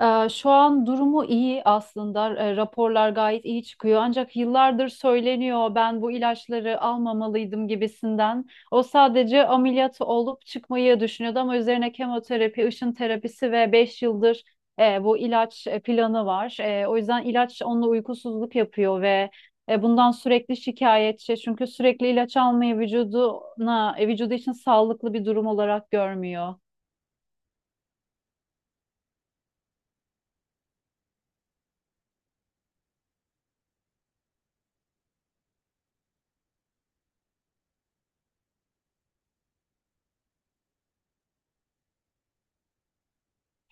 Şu an durumu iyi aslında. Raporlar gayet iyi çıkıyor. Ancak yıllardır söyleniyor ben bu ilaçları almamalıydım gibisinden. O sadece ameliyatı olup çıkmayı düşünüyordu ama üzerine kemoterapi, ışın terapisi ve 5 yıldır bu ilaç planı var. O yüzden ilaç onunla uykusuzluk yapıyor ve bundan sürekli şikayetçi. Çünkü sürekli ilaç almayı vücudu için sağlıklı bir durum olarak görmüyor.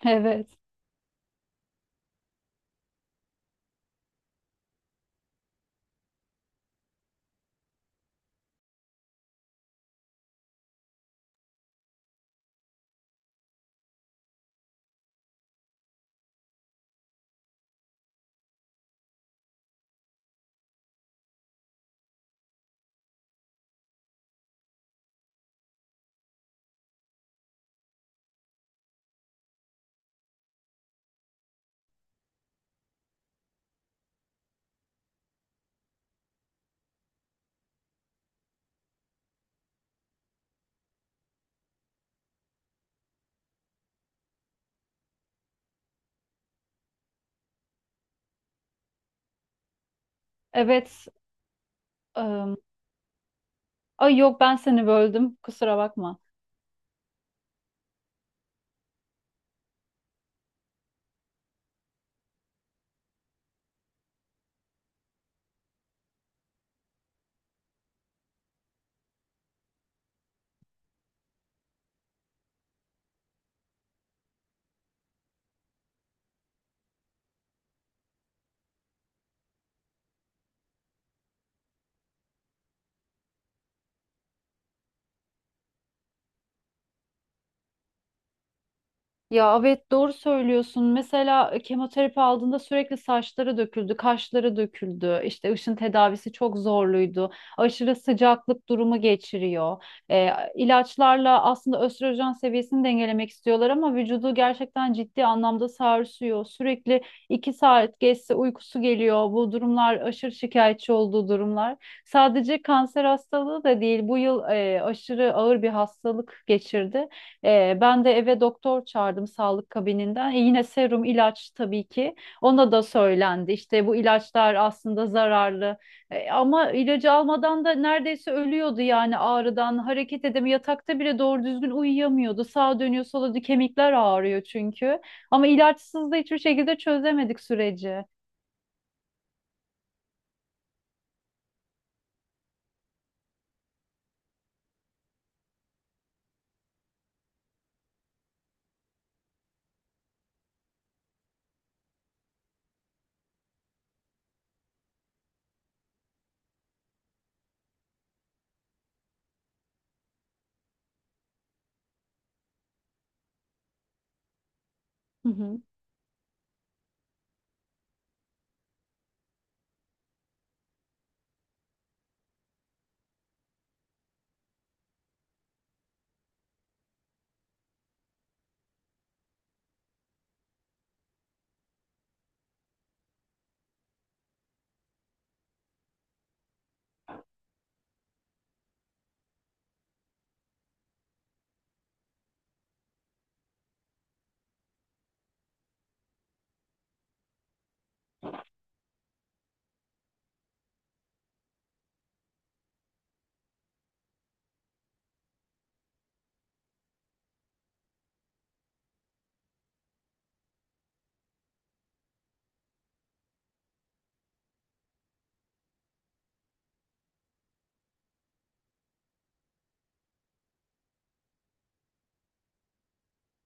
Evet. Evet. Ay yok, ben seni böldüm. Kusura bakma. Ya evet, doğru söylüyorsun. Mesela kemoterapi aldığında sürekli saçları döküldü, kaşları döküldü. İşte ışın tedavisi çok zorluydu. Aşırı sıcaklık durumu geçiriyor. E, ilaçlarla aslında östrojen seviyesini dengelemek istiyorlar ama vücudu gerçekten ciddi anlamda sarsıyor. Sürekli iki saat geçse uykusu geliyor. Bu durumlar aşırı şikayetçi olduğu durumlar. Sadece kanser hastalığı da değil. Bu yıl aşırı ağır bir hastalık geçirdi. Ben de eve doktor çağırdım sağlık kabininden. Yine serum ilaç tabii ki. Ona da söylendi. İşte bu ilaçlar aslında zararlı. Ama ilacı almadan da neredeyse ölüyordu yani ağrıdan. Hareket edemiyor. Yatakta bile doğru düzgün uyuyamıyordu. Sağa dönüyor, sola dönüyor. Kemikler ağrıyor çünkü. Ama ilaçsız da hiçbir şekilde çözemedik süreci. Hı hı.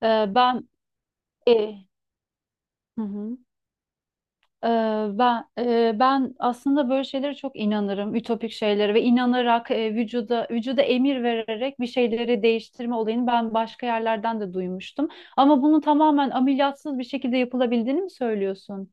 Ee, ben e, hı hı. Ee, ben aslında böyle şeylere çok inanırım, ütopik şeylere ve inanarak vücuda emir vererek bir şeyleri değiştirme olayını ben başka yerlerden de duymuştum. Ama bunun tamamen ameliyatsız bir şekilde yapılabildiğini mi söylüyorsun?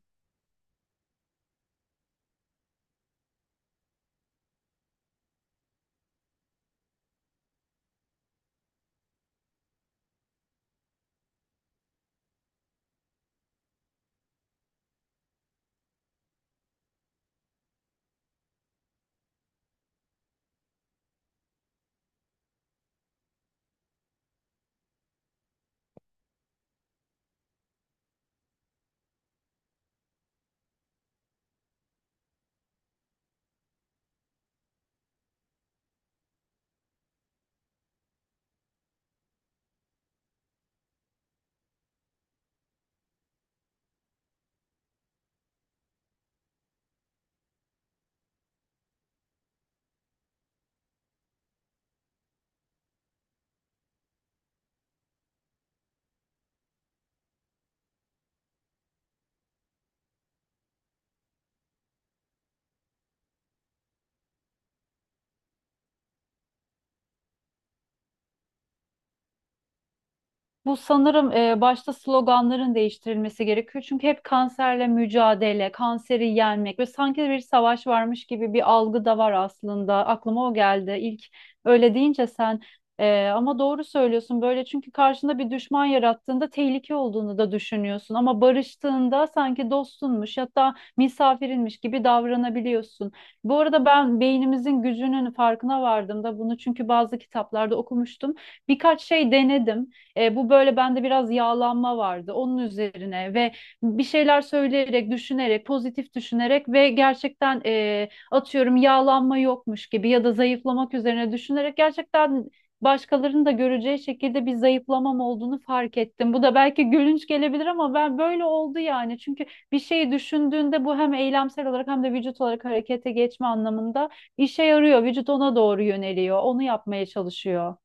Bu sanırım başta sloganların değiştirilmesi gerekiyor. Çünkü hep kanserle mücadele, kanseri yenmek ve sanki bir savaş varmış gibi bir algı da var aslında. Aklıma o geldi. İlk öyle deyince ama doğru söylüyorsun böyle çünkü karşında bir düşman yarattığında tehlike olduğunu da düşünüyorsun ama barıştığında sanki dostunmuş, hatta misafirinmiş gibi davranabiliyorsun. Bu arada ben beynimizin gücünün farkına vardım da bunu çünkü bazı kitaplarda okumuştum. Birkaç şey denedim. Bu böyle bende biraz yağlanma vardı onun üzerine ve bir şeyler söyleyerek, düşünerek, pozitif düşünerek ve gerçekten atıyorum yağlanma yokmuş gibi ya da zayıflamak üzerine düşünerek gerçekten başkalarının da göreceği şekilde bir zayıflamam olduğunu fark ettim. Bu da belki gülünç gelebilir ama ben böyle oldu yani. Çünkü bir şeyi düşündüğünde bu hem eylemsel olarak hem de vücut olarak harekete geçme anlamında işe yarıyor. Vücut ona doğru yöneliyor, onu yapmaya çalışıyor.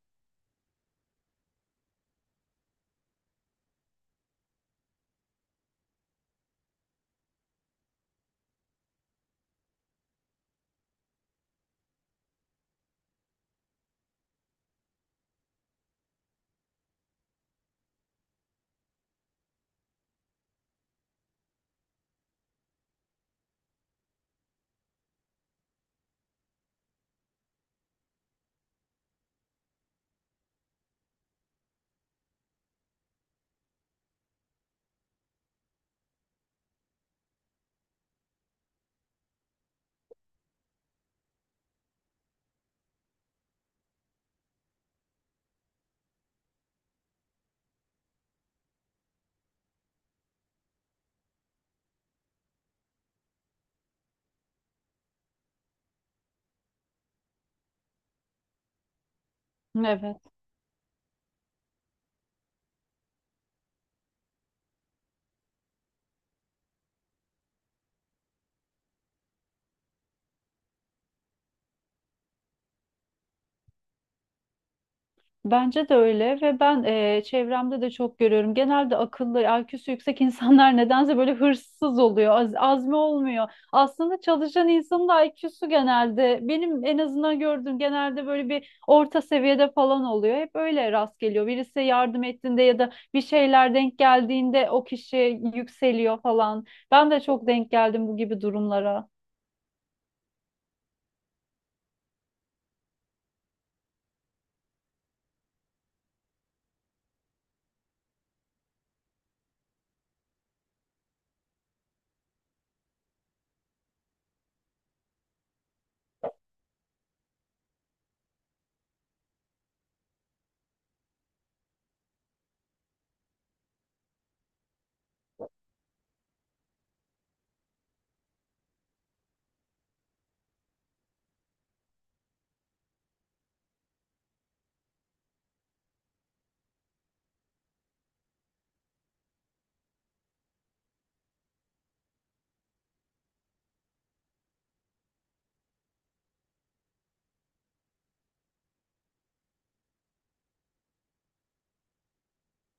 Evet. Bence de öyle ve ben çevremde de çok görüyorum. Genelde akıllı, IQ'su yüksek insanlar nedense böyle hırsız oluyor, azmi olmuyor. Aslında çalışan insanın da IQ'su genelde benim en azından gördüğüm genelde böyle bir orta seviyede falan oluyor. Hep öyle rast geliyor. Birisi yardım ettiğinde ya da bir şeyler denk geldiğinde o kişi yükseliyor falan. Ben de çok denk geldim bu gibi durumlara.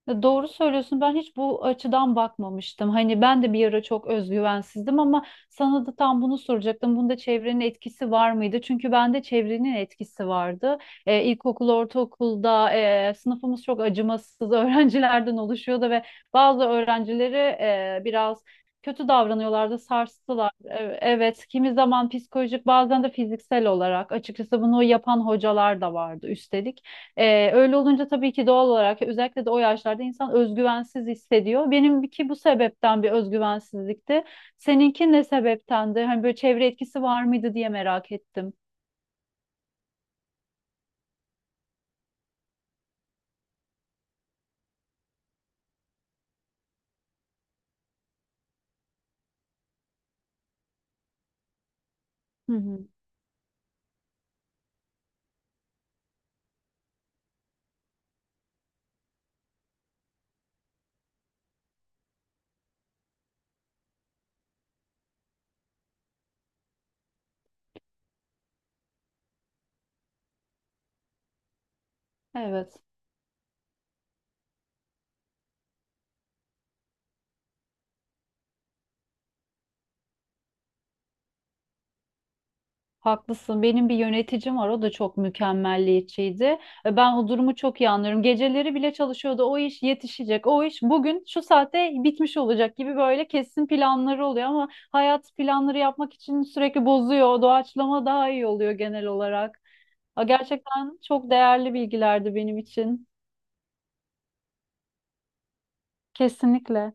Ya doğru söylüyorsun. Ben hiç bu açıdan bakmamıştım. Hani ben de bir ara çok özgüvensizdim ama sana da tam bunu soracaktım. Bunda çevrenin etkisi var mıydı? Çünkü bende çevrenin etkisi vardı. İlkokul, ortaokulda sınıfımız çok acımasız öğrencilerden oluşuyordu ve bazı öğrencileri biraz kötü davranıyorlardı, sarstılar. Evet, kimi zaman psikolojik, bazen de fiziksel olarak. Açıkçası bunu yapan hocalar da vardı üstelik. Öyle olunca tabii ki doğal olarak özellikle de o yaşlarda insan özgüvensiz hissediyor. Benimki bu sebepten bir özgüvensizlikti. Seninki ne sebeptendi? Hani böyle çevre etkisi var mıydı diye merak ettim. Hı hı. Evet. Haklısın. Benim bir yöneticim var. O da çok mükemmelliyetçiydi. Ben o durumu çok iyi anlıyorum. Geceleri bile çalışıyordu. O iş yetişecek. O iş bugün şu saate bitmiş olacak gibi böyle kesin planları oluyor ama hayat planları yapmak için sürekli bozuyor. Doğaçlama daha iyi oluyor genel olarak. Aa, gerçekten çok değerli bilgilerdi benim için. Kesinlikle.